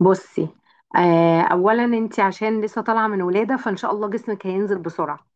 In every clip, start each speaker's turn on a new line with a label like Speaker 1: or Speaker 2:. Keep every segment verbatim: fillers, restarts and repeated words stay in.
Speaker 1: بصي. آه، اولا انت عشان لسه طالعه من ولاده فان شاء الله جسمك هينزل بسرعه.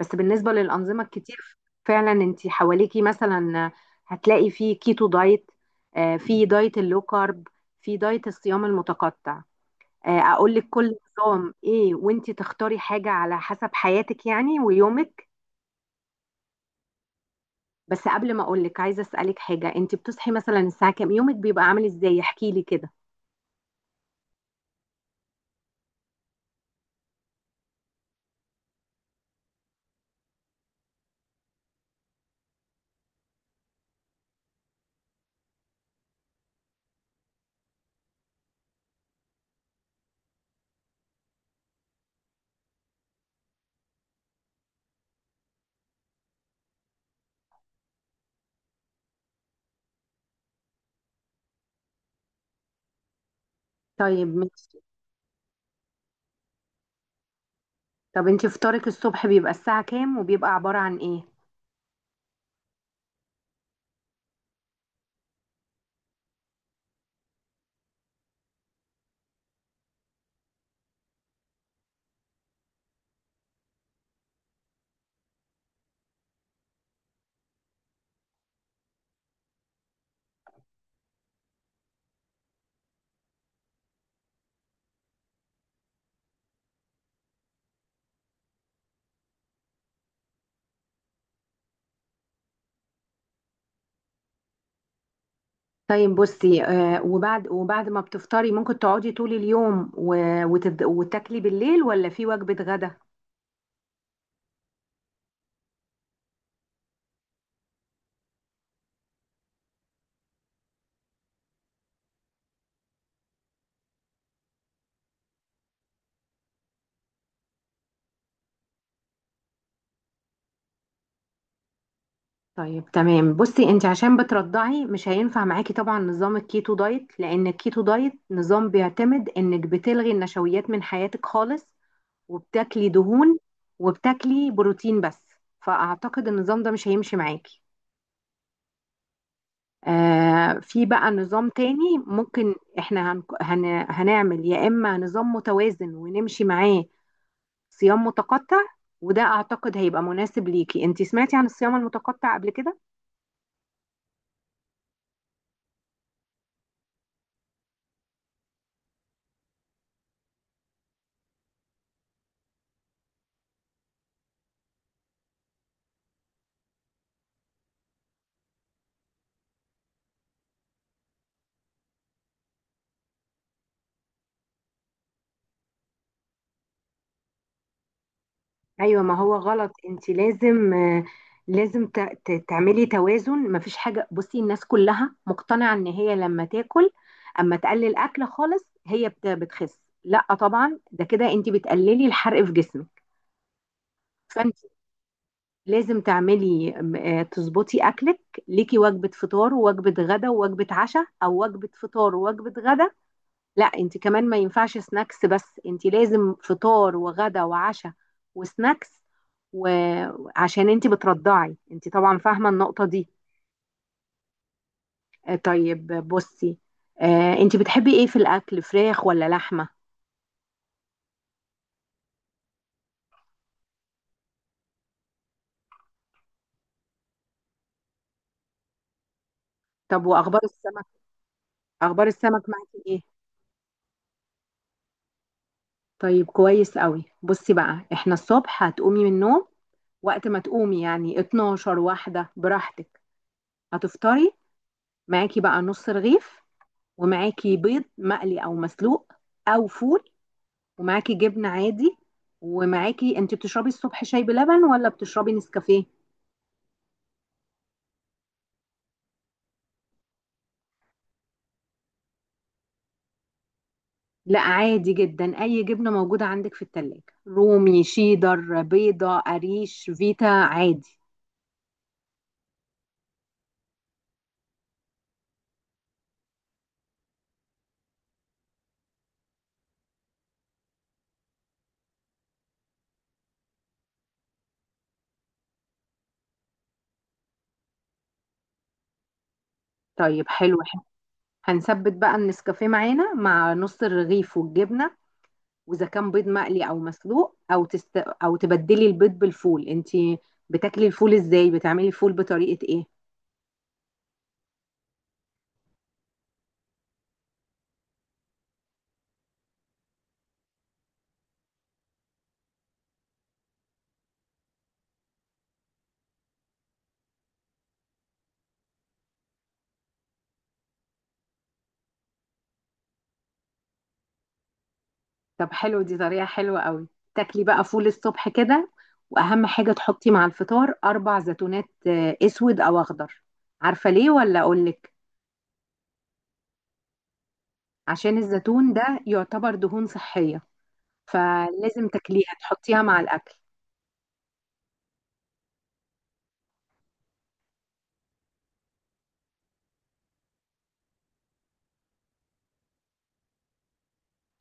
Speaker 1: بس بالنسبه للانظمه الكتير فعلا انت حواليكي مثلا هتلاقي في كيتو دايت، آه، في دايت اللو كارب، في دايت الصيام المتقطع. آه، اقول لك كل نظام ايه وانت تختاري حاجه على حسب حياتك يعني ويومك. بس قبل ما اقول لك عايزه اسالك حاجه، انت بتصحي مثلا الساعه كام؟ يومك بيبقى عامل ازاي؟ احكي لي كده. طيب ماشي. طب انتي فطارك الصبح بيبقى الساعة كام وبيبقى عبارة عن ايه؟ طيب بصي، آه، وبعد وبعد ما بتفطري ممكن تقعدي طول اليوم و- وتد... وتاكلي بالليل ولا في وجبة غدا؟ طيب تمام. بصي انت عشان بترضعي مش هينفع معاكي طبعا نظام الكيتو دايت، لان الكيتو دايت نظام بيعتمد انك بتلغي النشويات من حياتك خالص وبتاكلي دهون وبتاكلي بروتين بس. فاعتقد النظام ده مش هيمشي معاكي. آه، في بقى نظام تاني ممكن احنا هن... هن... هنعمل، يا اما نظام متوازن ونمشي معاه، صيام متقطع. وده اعتقد هيبقى مناسب ليكي. انت سمعتي عن الصيام المتقطع قبل كده؟ ايوه ما هو غلط. انت لازم، آه لازم ت... ت... تعملي توازن. مفيش حاجه، بصي الناس كلها مقتنعه ان هي لما تاكل، اما تقلل اكل خالص، هي بت... بتخس. لا طبعا، ده كده انت بتقللي الحرق في جسمك. لازم تعملي م- آه، تظبطي اكلك. ليكي وجبه فطار ووجبه غدا ووجبه عشاء، او وجبه فطار ووجبه غدا. لا انت كمان ما ينفعش سناكس بس، انت لازم فطار وغدا وعشاء وسناكس. وعشان انت بترضعي، انت طبعا فاهمه النقطه دي. آه، طيب بصي، آه، انت بتحبي ايه في الاكل، فراخ ولا لحمه؟ طب واخبار السمك؟ اخبار السمك معاكي ايه؟ طيب كويس قوي. بصي بقى، احنا الصبح هتقومي من النوم وقت ما تقومي، يعني اتناشر واحدة براحتك، هتفطري. معاكي بقى نص رغيف، ومعاكي بيض مقلي او مسلوق، او فول، ومعاكي جبنة عادي. ومعاكي، انت بتشربي الصبح شاي بلبن ولا بتشربي نسكافيه؟ لا عادي جدا، اي جبنة موجودة عندك في التلاجة، رومي، شيدر، بيضة، قريش، فيتا عادي. طيب حلو حلو. هنثبت بقى النسكافيه معانا مع نص الرغيف والجبنة. واذا كان بيض مقلي او مسلوق، او تست... او تبدلي البيض بالفول. انت بتاكلي الفول ازاي؟ بتعملي الفول بطريقه ايه؟ طب حلو، دي طريقه حلوه قوي. تاكلي بقى فول الصبح كده. واهم حاجه تحطي مع الفطار اربع زيتونات، آه، اسود او اخضر. عارفه ليه ولا اقولك؟ عشان الزيتون ده يعتبر دهون صحيه، فلازم تاكليها، تحطيها مع الاكل.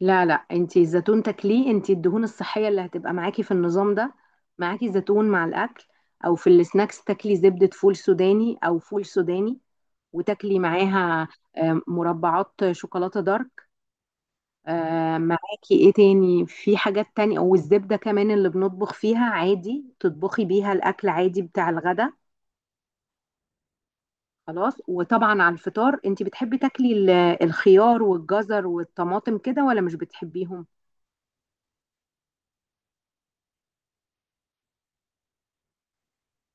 Speaker 1: لا لا، انتي الزيتون تاكليه. انتي الدهون الصحية اللي هتبقى معاكي في النظام ده، معاكي زيتون مع الأكل، أو في السناكس تاكلي زبدة فول سوداني أو فول سوداني، وتاكلي معاها آم، مربعات شوكولاتة دارك. آم، معاكي ايه تاني؟ في حاجات تانية، والزبدة كمان اللي بنطبخ فيها عادي، تطبخي بيها الأكل عادي بتاع الغدا. خلاص. وطبعا على الفطار انتي بتحبي تاكلي ال- الخيار والجزر والطماطم كده ولا مش بتحبيهم؟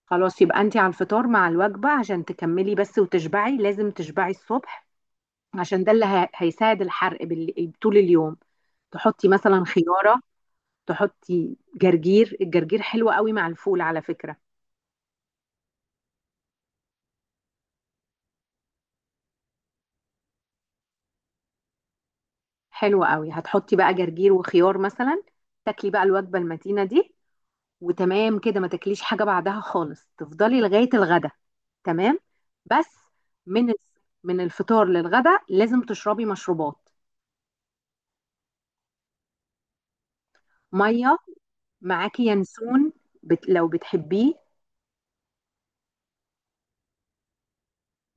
Speaker 1: خلاص يبقى انت على الفطار مع الوجبة، عشان تكملي بس وتشبعي. لازم تشبعي الصبح عشان ده اللي ه- هيساعد الحرق بال- طول اليوم. تحطي مثلا خيارة، تحطي جرجير، الجرجير حلو قوي مع الفول على فكرة. حلو قوي. هتحطي بقى جرجير وخيار مثلا، تاكلي بقى الوجبة المتينة دي، وتمام كده. ما تاكليش حاجة بعدها خالص، تفضلي لغاية الغدا. تمام. بس من من الفطار للغدا لازم تشربي مشروبات. ميه. معاكي ينسون بت... لو بتحبيه.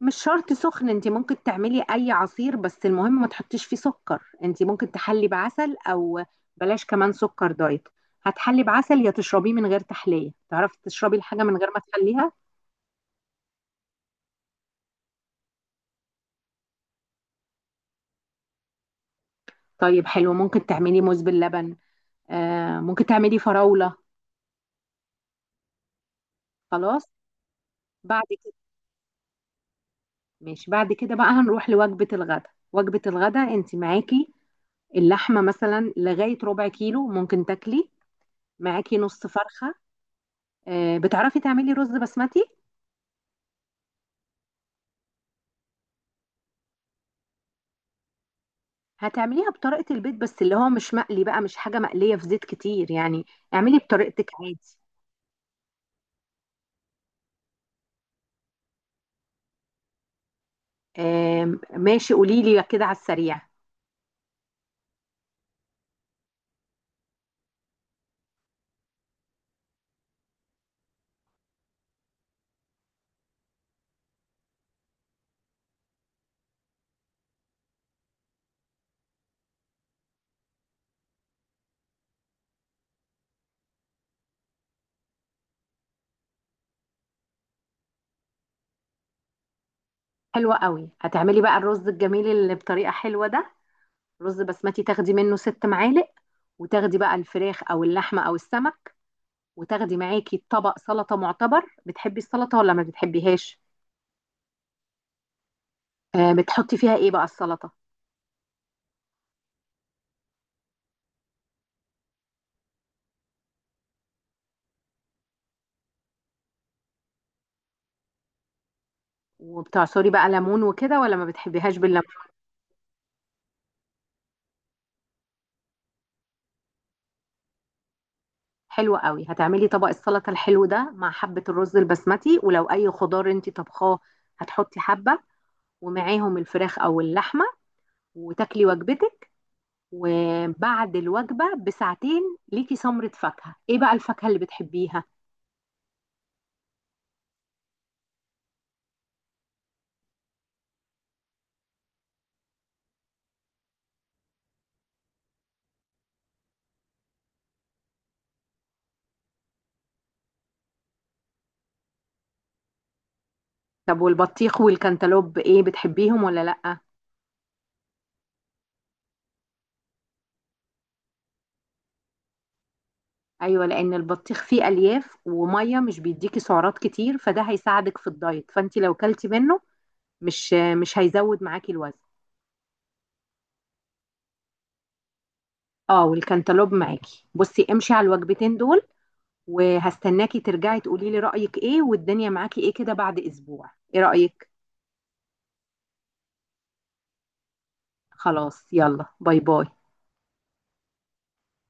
Speaker 1: مش شرط سخن، انت ممكن تعملي اي عصير، بس المهم ما تحطيش فيه سكر. انت ممكن تحلي بعسل، او بلاش كمان سكر دايت. هتحلي بعسل يا تشربيه من غير تحلية. تعرفي تشربي الحاجة من غير ما تحليها؟ طيب حلو، ممكن تعملي موز باللبن، آه ممكن تعملي فراولة. خلاص. بعد كده ماشي. بعد كده بقى هنروح لوجبة الغداء. وجبة الغداء انت معاكي اللحمة مثلا لغاية ربع كيلو ممكن تاكلي، معاكي نص فرخة. آه، بتعرفي تعملي رز بسمتي؟ هتعمليها بطريقة البيت بس، اللي هو مش مقلي بقى، مش حاجة مقلية في زيت كتير يعني. اعملي بطريقتك عادي. آم، ماشي قولي لي كده على السريع. حلوة قوي. هتعملي بقى الرز الجميل اللي بطريقة حلوة ده، رز بسمتي تاخدي منه ست معالق، وتاخدي بقى الفراخ او اللحمة او السمك، وتاخدي معاكي طبق سلطة معتبر. بتحبي السلطة ولا ما بتحبيهاش؟ آه، بتحطي فيها ايه بقى السلطة؟ وبتعصري بقى ليمون وكده ولا ما بتحبيهاش بالليمون؟ حلو قوي. هتعملي طبق السلطه الحلو ده مع حبه الرز البسمتي، ولو اي خضار انت طبخاه هتحطي حبه، ومعاهم الفراخ او اللحمه، وتاكلي وجبتك. وبعد الوجبه بساعتين ليكي سمره فاكهه. ايه بقى الفاكهه اللي بتحبيها؟ طب والبطيخ والكنتالوب ايه، بتحبيهم ولا لا؟ ايوه، لان البطيخ فيه الياف وميه، مش بيديكي سعرات كتير، فده هيساعدك في الدايت. فانت لو كلتي منه مش مش هيزود معاكي الوزن. اه والكنتالوب معاكي. بصي امشي على الوجبتين دول، وهستناكي ترجعي تقولي لي رأيك ايه والدنيا معاكي ايه كده بعد اسبوع. ايه رأيك؟ خلاص يلا، باي باي.